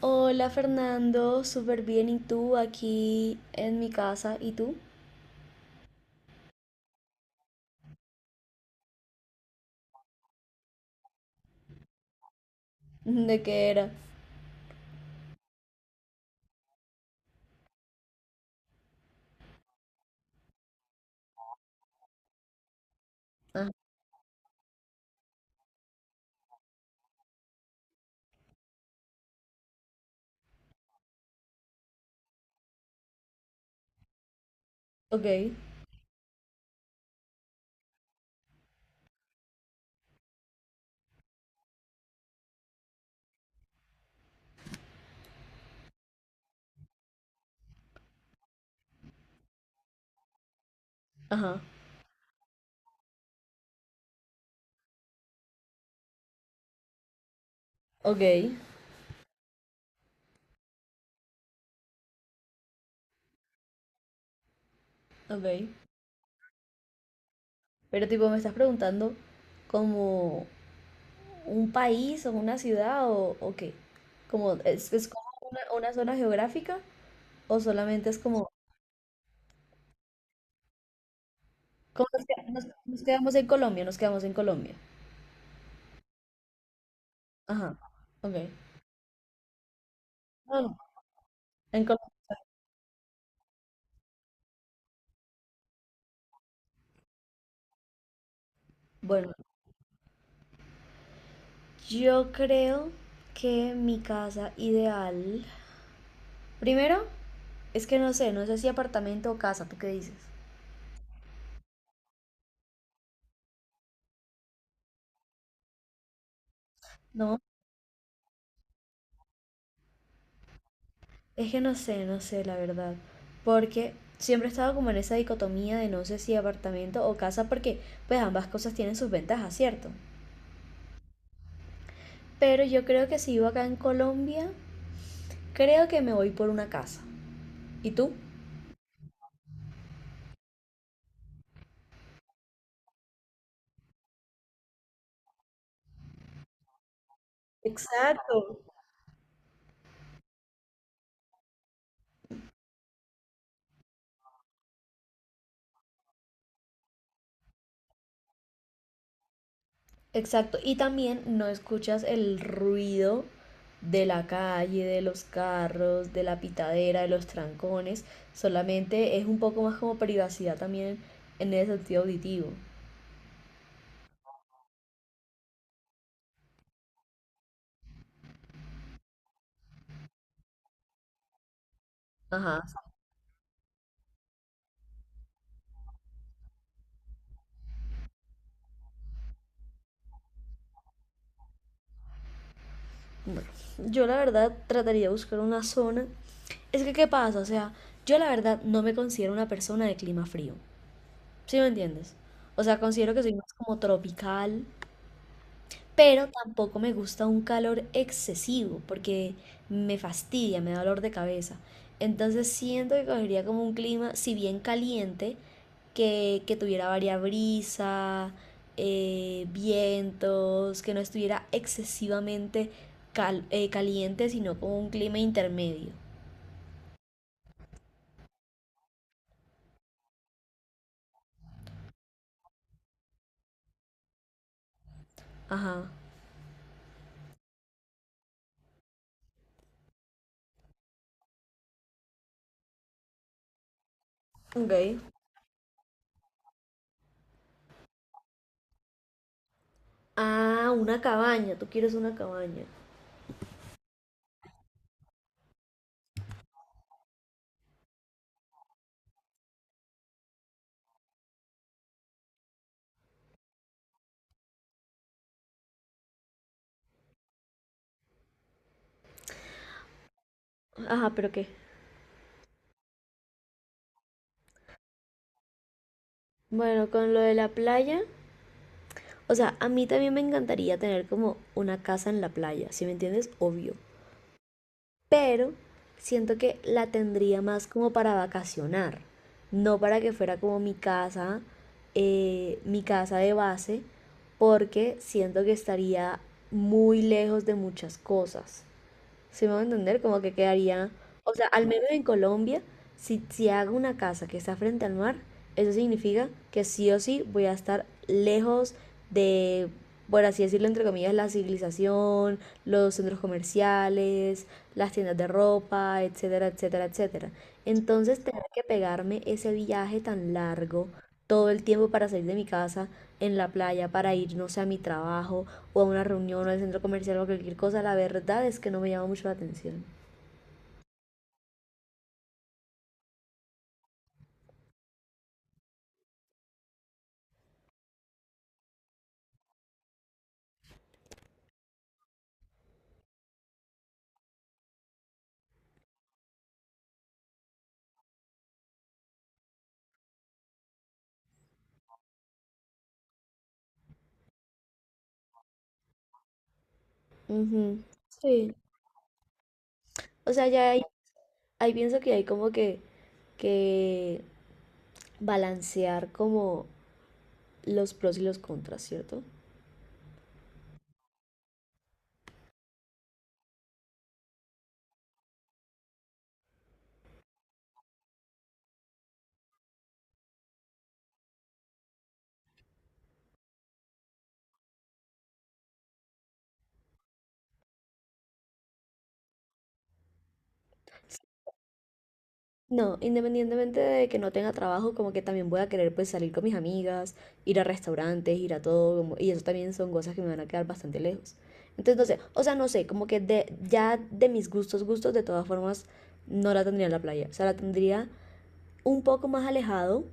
Hola Fernando, súper bien. ¿Y tú aquí en mi casa? ¿Y tú? ¿De qué era? Ajá, ok, ajá, ok, ok. Pero tipo, ¿me estás preguntando como un país o una ciudad o qué? Como, ¿es como una zona geográfica o solamente es como como nos quedamos en Colombia? Nos quedamos en Colombia. Ajá, ok. No, no, en Colombia. Bueno, yo creo que mi casa ideal... Primero, es que no sé si apartamento o casa, ¿tú qué dices? No, es que no sé, la verdad. Porque siempre he estado como en esa dicotomía de no sé si apartamento o casa, porque pues ambas cosas tienen sus ventajas, ¿cierto? Pero yo creo que si vivo acá en Colombia, creo que me voy por una casa. ¿Y tú? Exacto. Exacto, y también no escuchas el ruido de la calle, de los carros, de la pitadera, de los trancones, solamente es un poco más como privacidad también en el sentido auditivo. Ajá. Bueno, yo la verdad trataría de buscar una zona. Es que, ¿qué pasa? O sea, yo la verdad no me considero una persona de clima frío, ¿sí me entiendes? O sea, considero que soy más como tropical, pero tampoco me gusta un calor excesivo porque me fastidia, me da dolor de cabeza. Entonces siento que cogería como un clima, si bien caliente, que tuviera varias brisa, vientos, que no estuviera excesivamente caliente, sino como un clima intermedio. Ajá. Ok. Ah, una cabaña, tú quieres una cabaña. Ajá, pero ¿qué? Bueno, con lo de la playa, o sea, a mí también me encantaría tener como una casa en la playa, ¿si me entiendes? Obvio. Pero siento que la tendría más como para vacacionar, no para que fuera como mi casa de base, porque siento que estaría muy lejos de muchas cosas. ¿Sí me va a entender? Como que quedaría, o sea, al menos en Colombia, si hago una casa que está frente al mar, eso significa que sí o sí voy a estar lejos de, por así decirlo, entre comillas, la civilización, los centros comerciales, las tiendas de ropa, etcétera, etcétera, etcétera. Entonces, tener que pegarme ese viaje tan largo todo el tiempo para salir de mi casa en la playa, para ir, no sé, a mi trabajo o a una reunión o al centro comercial o cualquier cosa, la verdad es que no me llama mucho la atención. Ujú. Sí. O sea, ya ahí, ahí pienso que hay como que balancear como los pros y los contras, ¿cierto? No, independientemente de que no tenga trabajo, como que también voy a querer pues salir con mis amigas, ir a restaurantes, ir a todo, como y eso también son cosas que me van a quedar bastante lejos. Entonces, no sé, o sea, no sé, como que de, ya de mis gustos, gustos, de todas formas, no la tendría en la playa. O sea, la tendría un poco más alejado,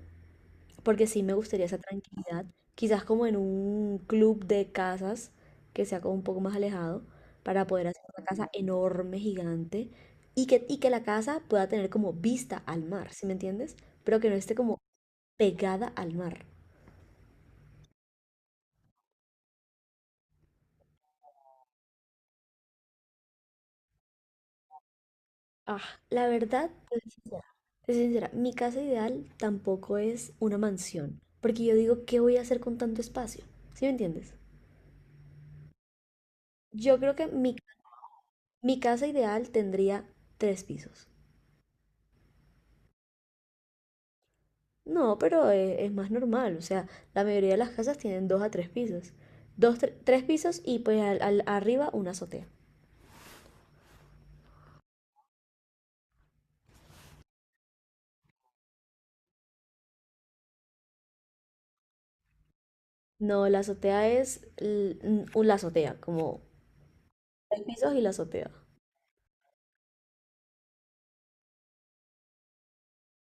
porque sí me gustaría esa tranquilidad, quizás como en un club de casas que sea como un poco más alejado, para poder hacer una casa enorme, gigante, y que la casa pueda tener como vista al mar, ¿sí me entiendes? Pero que no esté como pegada al mar. Ah, la verdad, te soy sincera, mi casa ideal tampoco es una mansión, porque yo digo, ¿qué voy a hacer con tanto espacio? ¿Sí me entiendes? Yo creo que mi casa ideal tendría tres pisos. No, pero es, más normal, o sea, la mayoría de las casas tienen dos a tres pisos. Dos, tres pisos y pues arriba una azotea. No, la azotea es la azotea, como tres pisos y la azotea.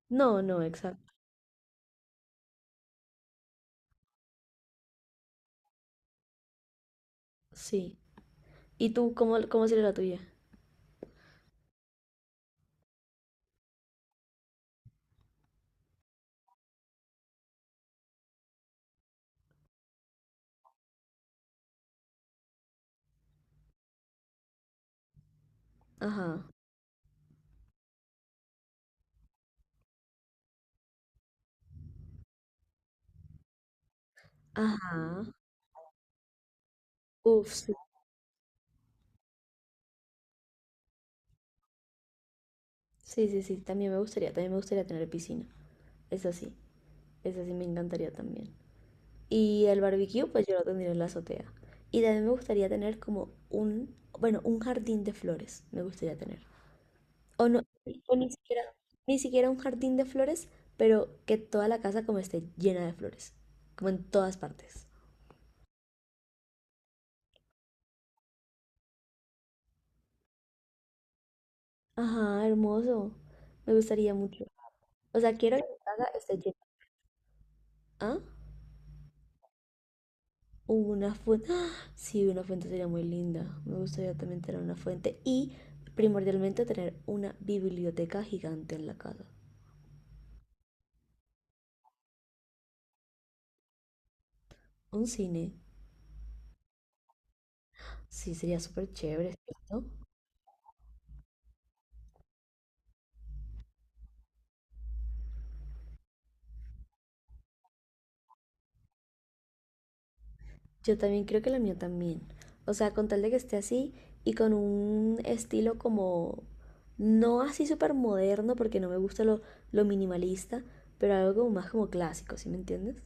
No, no, exacto, sí. ¿Y tú cómo sería la tuya? Ajá, ajá. Uf, sí. Sí, sí, sí, también me gustaría tener piscina. Es así, es así, me encantaría también. Y el barbecue, pues yo lo tendría en la azotea. Y también me gustaría tener como un, bueno, un jardín de flores, me gustaría tener. O no, o ni siquiera, ni siquiera un jardín de flores, pero que toda la casa como esté llena de flores, como en todas partes. Ajá, hermoso. Me gustaría mucho. O sea, quiero que mi casa esté llena. ¿Ah? Una fuente. ¡Ah! Sí, una fuente sería muy linda. Me gustaría también tener una fuente y primordialmente tener una biblioteca gigante en la casa. Un cine. Sí, sería súper chévere, ¿cierto? Yo también creo que la mía también. O sea, con tal de que esté así y con un estilo como, no así súper moderno, porque no me gusta lo minimalista, pero algo como más como clásico, ¿sí me entiendes?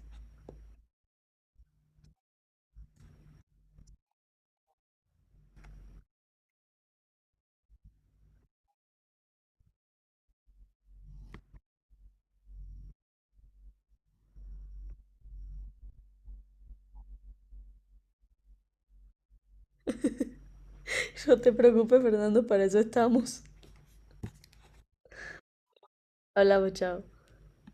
No te preocupes, Fernando, para eso estamos. Hablamos, chao.